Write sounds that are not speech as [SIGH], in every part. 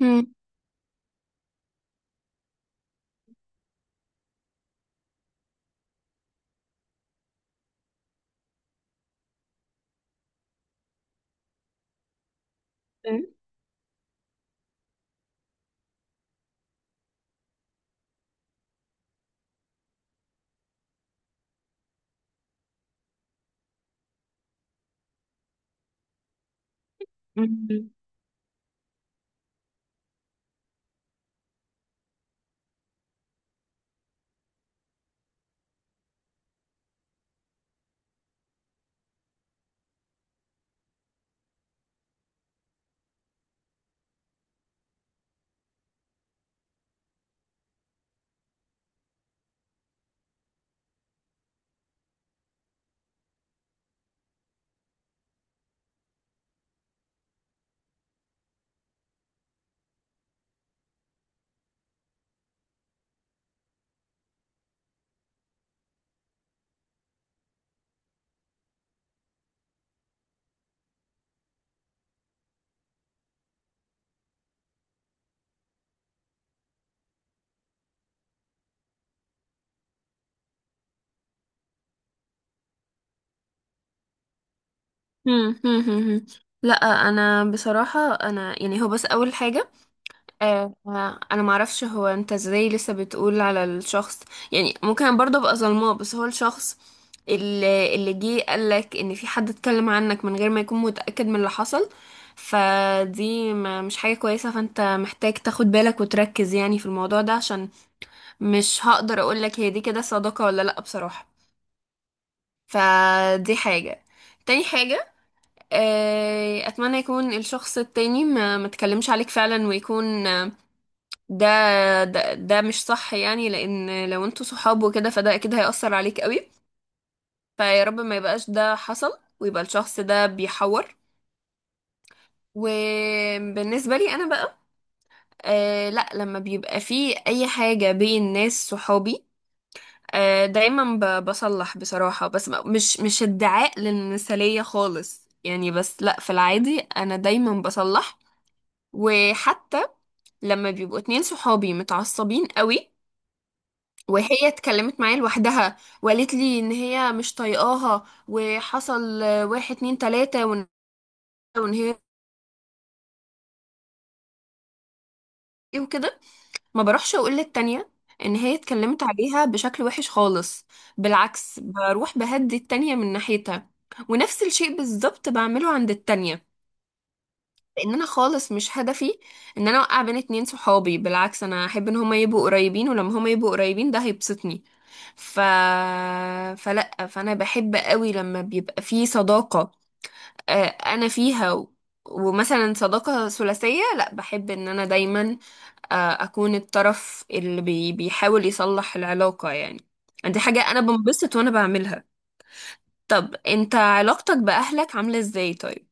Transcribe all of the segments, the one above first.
مم. مم. مم. مم. مم. لا. انا بصراحه انا يعني هو بس اول حاجه. انا ما اعرفش هو انت ازاي لسه بتقول على الشخص. يعني ممكن برضه ابقى ظلماه، بس هو الشخص اللي جه قالك ان في حد اتكلم عنك من غير ما يكون متاكد من اللي حصل. فدي ما مش حاجه كويسه. فانت محتاج تاخد بالك وتركز يعني في الموضوع ده، عشان مش هقدر اقولك هي دي كده صداقه ولا لا، بصراحه. فدي حاجه. تاني حاجه، اتمنى يكون الشخص التاني ما تكلمش عليك فعلا، ويكون ده ده مش صح، يعني لان لو انتوا صحاب وكده فده اكيد هيأثر عليك قوي. فيا رب ما يبقاش ده حصل ويبقى الشخص ده بيحور. وبالنسبة لي انا بقى، لا، لما بيبقى فيه اي حاجة بين ناس صحابي دايما بصلح بصراحة، بس مش ادعاء للمثالية خالص يعني، بس لا، في العادي انا دايما بصلح. وحتى لما بيبقوا اتنين صحابي متعصبين قوي وهي اتكلمت معايا لوحدها وقالت لي ان هي مش طايقاها وحصل واحد اتنين تلاتة، وإن هي ايه وكده، ما بروحش اقول للتانية ان هي اتكلمت عليها بشكل وحش خالص. بالعكس، بروح بهدي التانية من ناحيتها، ونفس الشيء بالظبط بعمله عند التانية. لان انا خالص مش هدفي ان انا اوقع بين اتنين صحابي، بالعكس انا احب ان هما يبقوا قريبين، ولما هما يبقوا قريبين ده هيبسطني. ف فلا، فانا بحب قوي لما بيبقى في صداقة انا فيها. ومثلا صداقة ثلاثية، لا، بحب ان انا دايما آه، اكون الطرف اللي بيحاول يصلح العلاقة يعني. دي حاجة انا بنبسط وانا بعملها. طب انت علاقتك بأهلك عاملة ازاي، طيب؟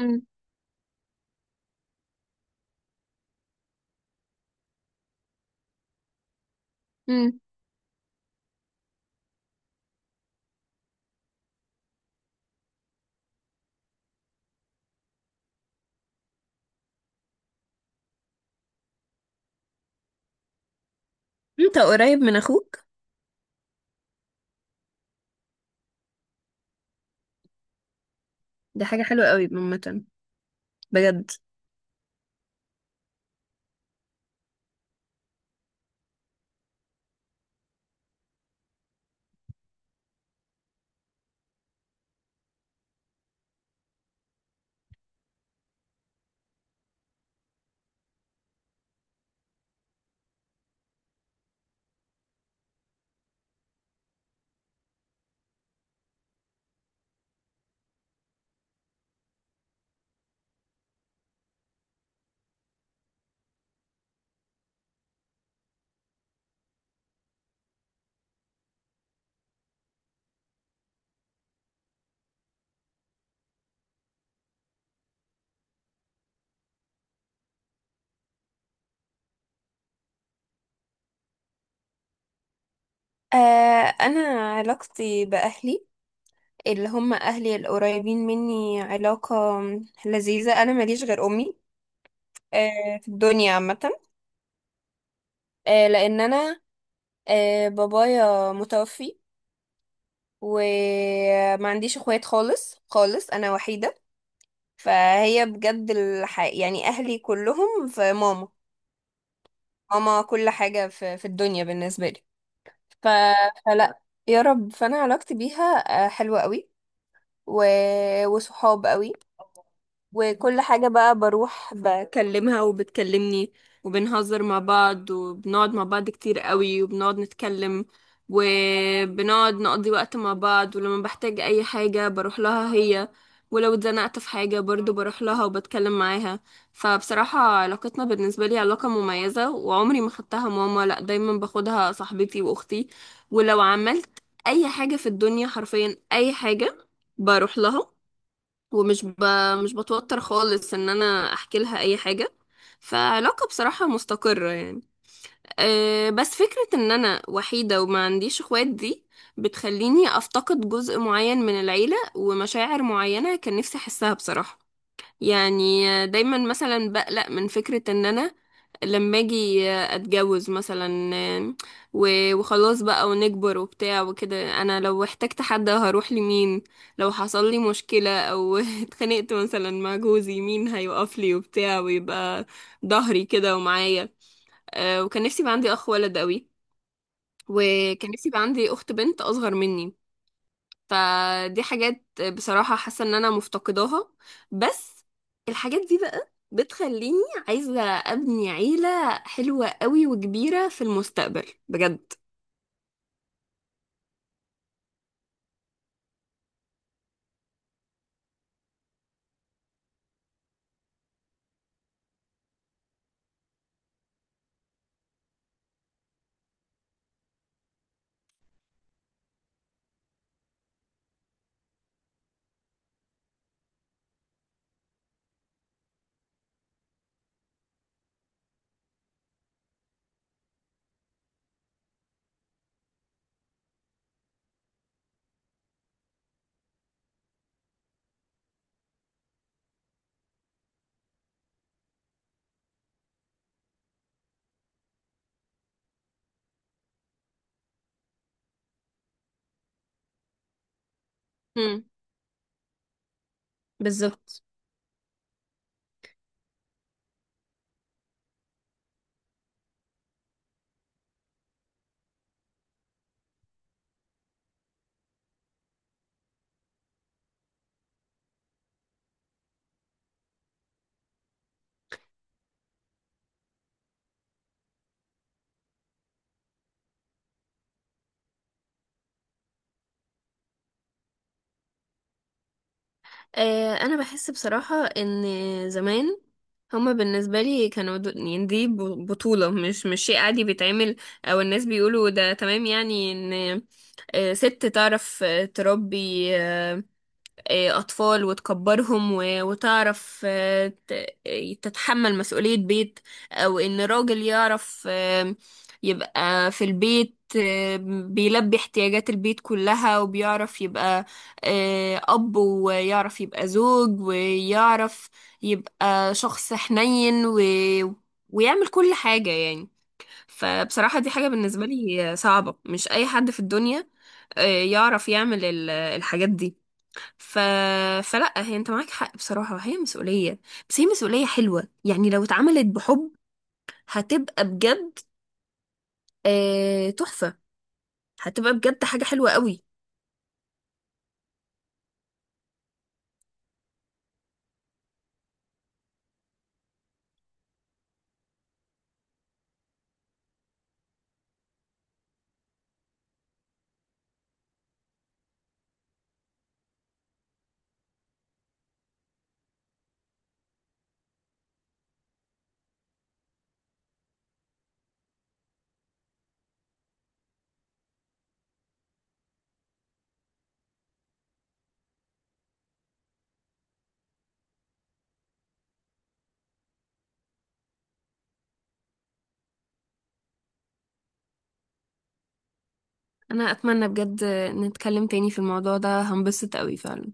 مم. مم. انت قريب من اخوك؟ دي حاجة حلوة قوي عامة. بجد. آه انا علاقتي باهلي اللي هم اهلي القريبين مني، علاقة لذيذة. انا ماليش غير امي في الدنيا عامة، لان انا بابايا متوفي، وما عنديش اخوات خالص خالص. انا وحيدة، فهي بجد الح... يعني اهلي كلهم في ماما. ماما كل حاجة في الدنيا بالنسبة لي. ف... فلا، يا رب، فانا علاقتي بيها حلوة قوي، و... وصحاب قوي. وكل حاجة بقى بروح بكلمها وبتكلمني، وبنهزر مع بعض وبنقعد مع بعض كتير قوي وبنقعد نتكلم، وبنقعد نقضي وقت مع بعض، ولما بحتاج أي حاجة بروح لها هي، ولو اتزنقت في حاجة برضو بروح لها وبتكلم معاها. فبصراحة علاقتنا بالنسبة لي علاقة مميزة، وعمري ما خدتها ماما، لأ، دايما باخدها صاحبتي وأختي. ولو عملت أي حاجة في الدنيا، حرفيا أي حاجة، بروح لها، ومش ب... مش بتوتر خالص ان انا احكي لها اي حاجة. فعلاقة بصراحة مستقرة يعني. بس فكرة ان انا وحيدة وما عنديش اخوات دي بتخليني افتقد جزء معين من العيلة ومشاعر معينة كان نفسي احسها بصراحة. يعني دايما مثلا بقلق من فكرة ان انا لما اجي اتجوز مثلا، وخلاص بقى ونكبر وبتاع وكده، انا لو احتجت حد هروح لمين؟ لو حصل لي مشكلة او [LAUGHS] اتخانقت مثلا مع جوزي، مين هيقف لي وبتاع ويبقى ظهري كده ومعايا؟ وكان نفسي يبقى عندي اخ ولد قوي، وكان نفسي يبقى عندي اخت بنت اصغر مني. فدي حاجات بصراحة حاسة ان انا مفتقداها. بس الحاجات دي بقى بتخليني عايزة ابني عيلة حلوة قوي وكبيرة في المستقبل، بجد. مم. بالظبط. انا بحس بصراحة ان زمان هما بالنسبة لي كانوا يعني دي بطولة، مش شيء عادي بيتعمل او الناس بيقولوا ده تمام، يعني ان ست تعرف تربي أطفال وتكبرهم، وتعرف تتحمل مسؤولية بيت، أو إن راجل يعرف يبقى في البيت، بيلبي احتياجات البيت كلها، وبيعرف يبقى أب، ويعرف يبقى زوج، ويعرف يبقى شخص حنين، و... ويعمل كل حاجة يعني. فبصراحة دي حاجة بالنسبة لي صعبة، مش أي حد في الدنيا يعرف يعمل الحاجات دي. ف... فلا، هي انت معاك حق بصراحة، هي مسؤولية. بس هي مسؤولية حلوة يعني، لو اتعملت بحب هتبقى بجد تحفة. هتبقى بجد حاجة حلوة قوي. انا اتمنى بجد نتكلم تاني في الموضوع ده، هنبسط قوي فعلا.